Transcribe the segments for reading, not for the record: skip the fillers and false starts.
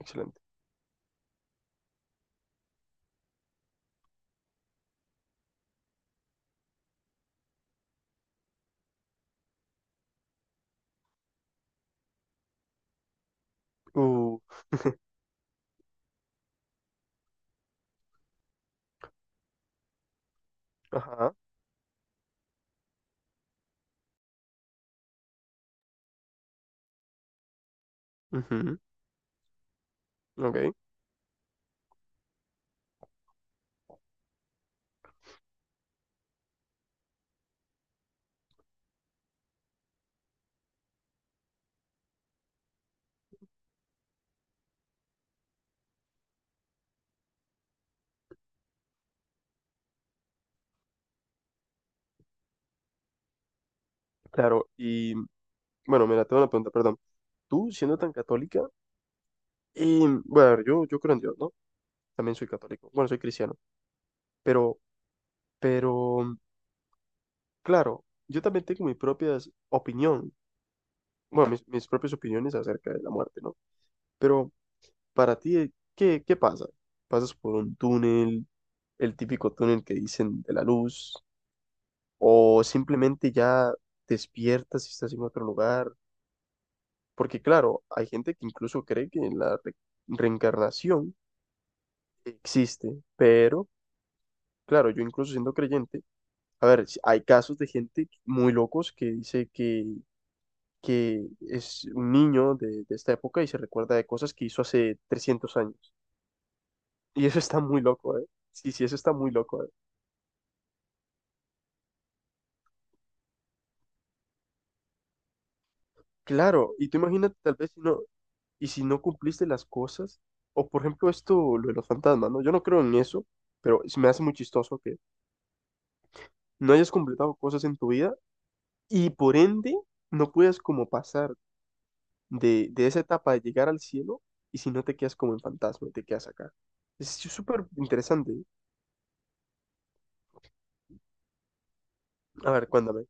Excelente. Uh, ajá. Ujú, ok. Claro. Y bueno, mira, tengo una pregunta, perdón. Tú, siendo tan católica, y bueno, a ver, yo creo en Dios, ¿no? También soy católico. Bueno, soy cristiano. Pero, pero, claro, yo también tengo mi propia opinión. Bueno, mis propias opiniones acerca de la muerte, ¿no? Pero para ti, ¿qué pasa? ¿Pasas por un túnel, el típico túnel que dicen de la luz? ¿O simplemente ya despiertas y estás en otro lugar? Porque claro, hay gente que incluso cree que reencarnación existe, pero claro, yo incluso siendo creyente, a ver, hay casos de gente muy locos que dice que es un niño de esta época y se recuerda de cosas que hizo hace 300 años. Y eso está muy loco, ¿eh? Sí, sí, eso está muy loco, ¿eh? Claro, y tú imagínate tal vez si no, y si no cumpliste las cosas, o por ejemplo esto, lo de los fantasmas, ¿no? Yo no creo en eso, pero se me hace muy chistoso que no hayas completado cosas en tu vida. Y por ende, no puedes como pasar de esa etapa de llegar al cielo y si no te quedas como en fantasma te quedas acá. Es súper interesante, ¿eh? A ver, cuéntame.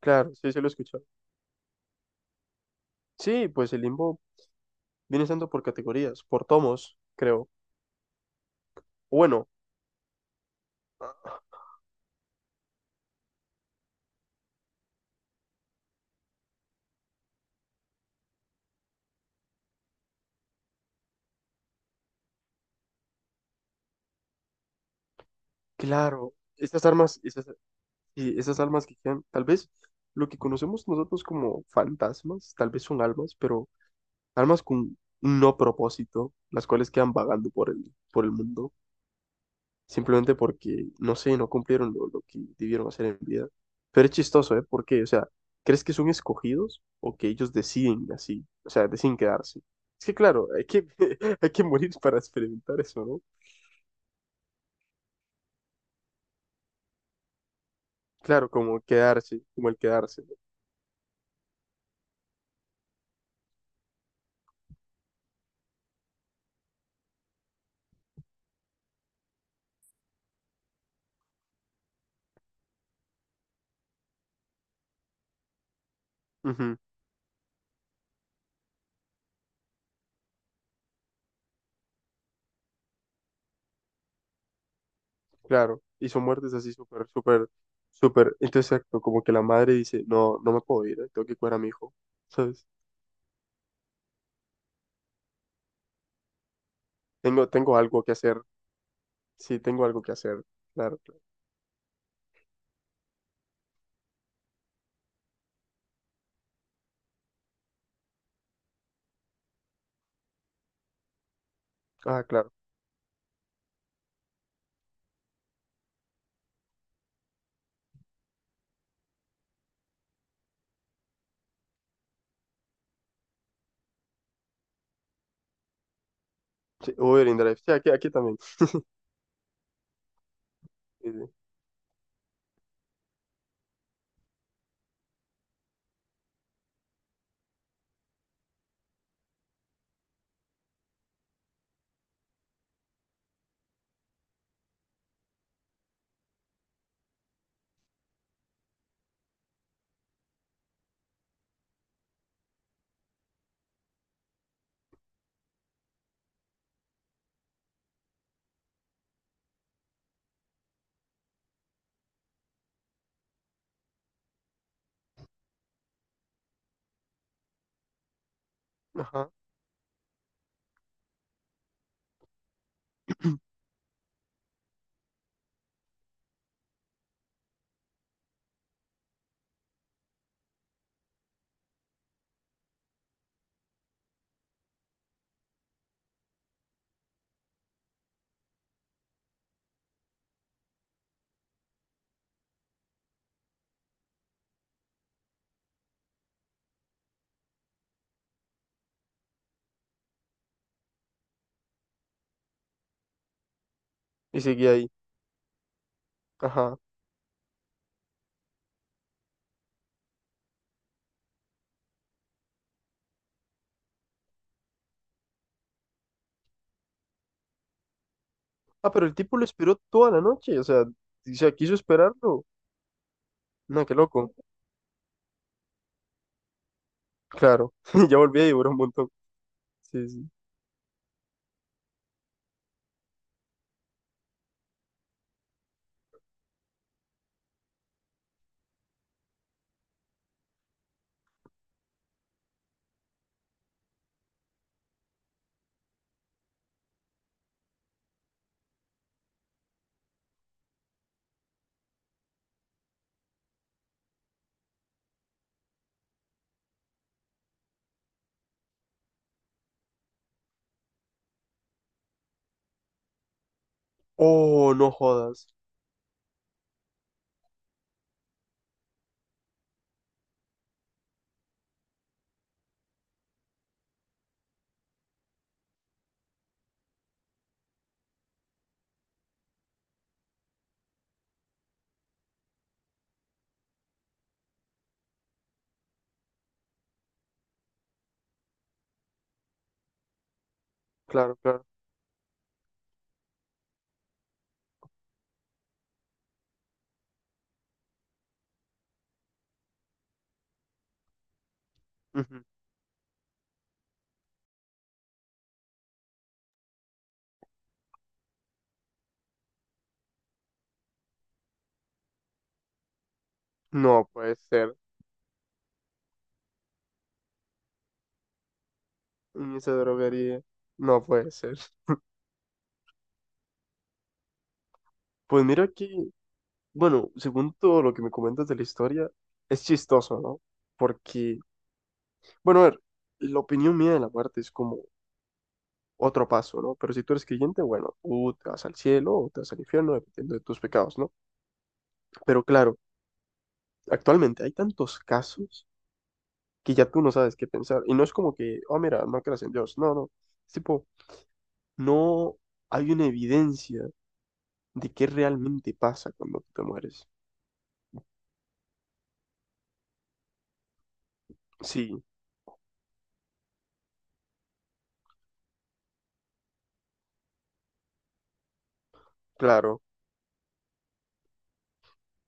Claro, sí, se lo he escuchado. Sí, pues el limbo viene siendo por categorías, por tomos, creo. O bueno, claro, estas, sí, esas almas que quedan, tal vez lo que conocemos nosotros como fantasmas, tal vez son almas, pero almas con no propósito, las cuales quedan vagando por el mundo. Simplemente porque, no sé, no cumplieron lo que debieron hacer en vida. Pero es chistoso, ¿eh? ¿Por qué? O sea, ¿crees que son escogidos o que ellos deciden así? O sea, deciden quedarse. Es que claro, hay que, hay que morir para experimentar eso, ¿no? Claro, como quedarse, como el quedarse. ¿No? Ujú, claro. Y son muertes así súper, súper, súper. Entonces, exacto, como que la madre dice, no, no me puedo ir, ¿eh? Tengo que cuidar a mi hijo, ¿sabes? Tengo, algo que hacer. Sí, tengo algo que hacer. Claro, claro. Ah, claro. Sí, Uber Drive. Sí, aquí, aquí también. Sí, sí. Ajá. Y seguía ahí. Ajá. Ah, pero el tipo lo esperó toda la noche. O sea, quiso esperarlo. No, qué loco. Claro. Ya volví a llorar un montón. Sí, sí. Oh, no jodas. Claro, claro. Ujú. No puede ser. En esa droguería. No puede ser. Pues mira que, bueno, según todo lo que me comentas de la historia, es chistoso, ¿no? Porque, bueno, a ver, la opinión mía de la muerte es como otro paso, ¿no? Pero si tú eres creyente, bueno, tú te vas al cielo o te vas al infierno, dependiendo de tus pecados, ¿no? Pero claro, actualmente hay tantos casos que ya tú no sabes qué pensar. Y no es como que, oh, mira, no creas en Dios. No, no. Es tipo, no hay una evidencia de qué realmente pasa cuando tú te mueres. Sí, claro.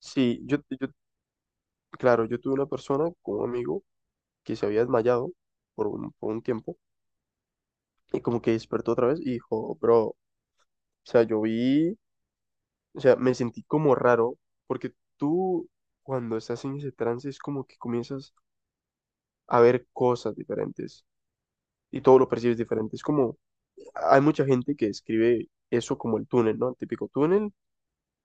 Sí, yo, claro, yo tuve una persona con un amigo que se había desmayado por un tiempo y como que despertó otra vez y dijo, bro, o sea, yo vi. O sea, me sentí como raro porque tú cuando estás en ese trance es como que comienzas a ver cosas diferentes y todo lo percibes diferente. Es como, hay mucha gente que escribe eso como el túnel, ¿no? El típico túnel,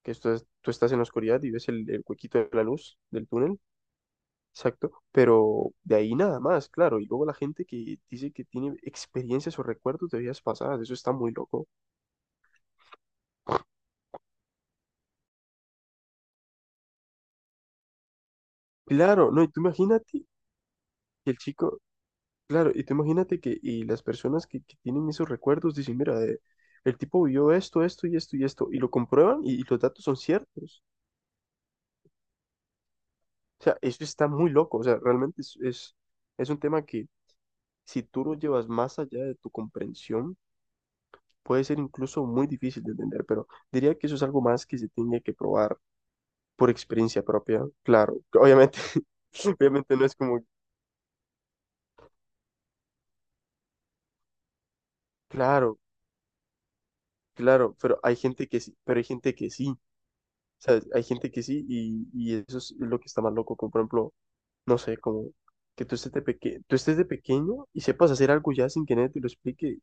que tú estás en la oscuridad y ves el huequito de la luz del túnel, exacto, pero de ahí nada más, claro. Y luego la gente que dice que tiene experiencias o recuerdos de vidas pasadas, eso está muy loco. Claro, no, y tú imagínate que el chico. Claro, y tú imagínate que y las personas que tienen esos recuerdos dicen, mira, el tipo vio esto, esto y esto y esto, y lo comprueban y los datos son ciertos. O sea, eso está muy loco, o sea, realmente es un tema que si tú lo llevas más allá de tu comprensión, puede ser incluso muy difícil de entender, pero diría que eso es algo más que se tiene que probar por experiencia propia, claro, obviamente, obviamente no es como, claro, claro, pero hay gente que sí, pero hay gente que sí. O sea, hay gente que sí, y eso es lo que está más loco, como por ejemplo, no sé, como que tú estés de pequeño y sepas hacer algo ya sin que nadie te lo explique,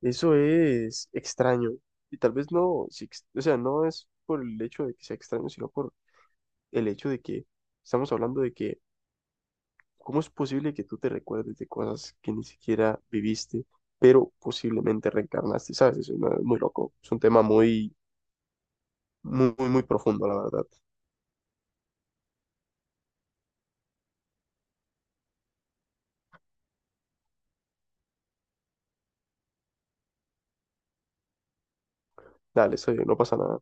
eso es extraño. Y tal vez no, o sea, no es por el hecho de que sea extraño, sino por el hecho de que estamos hablando de que, ¿cómo es posible que tú te recuerdes de cosas que ni siquiera viviste, pero posiblemente reencarnaste? ¿Sabes? Muy loco, es un tema muy, muy, muy, muy profundo, la verdad. Dale, eso no pasa nada.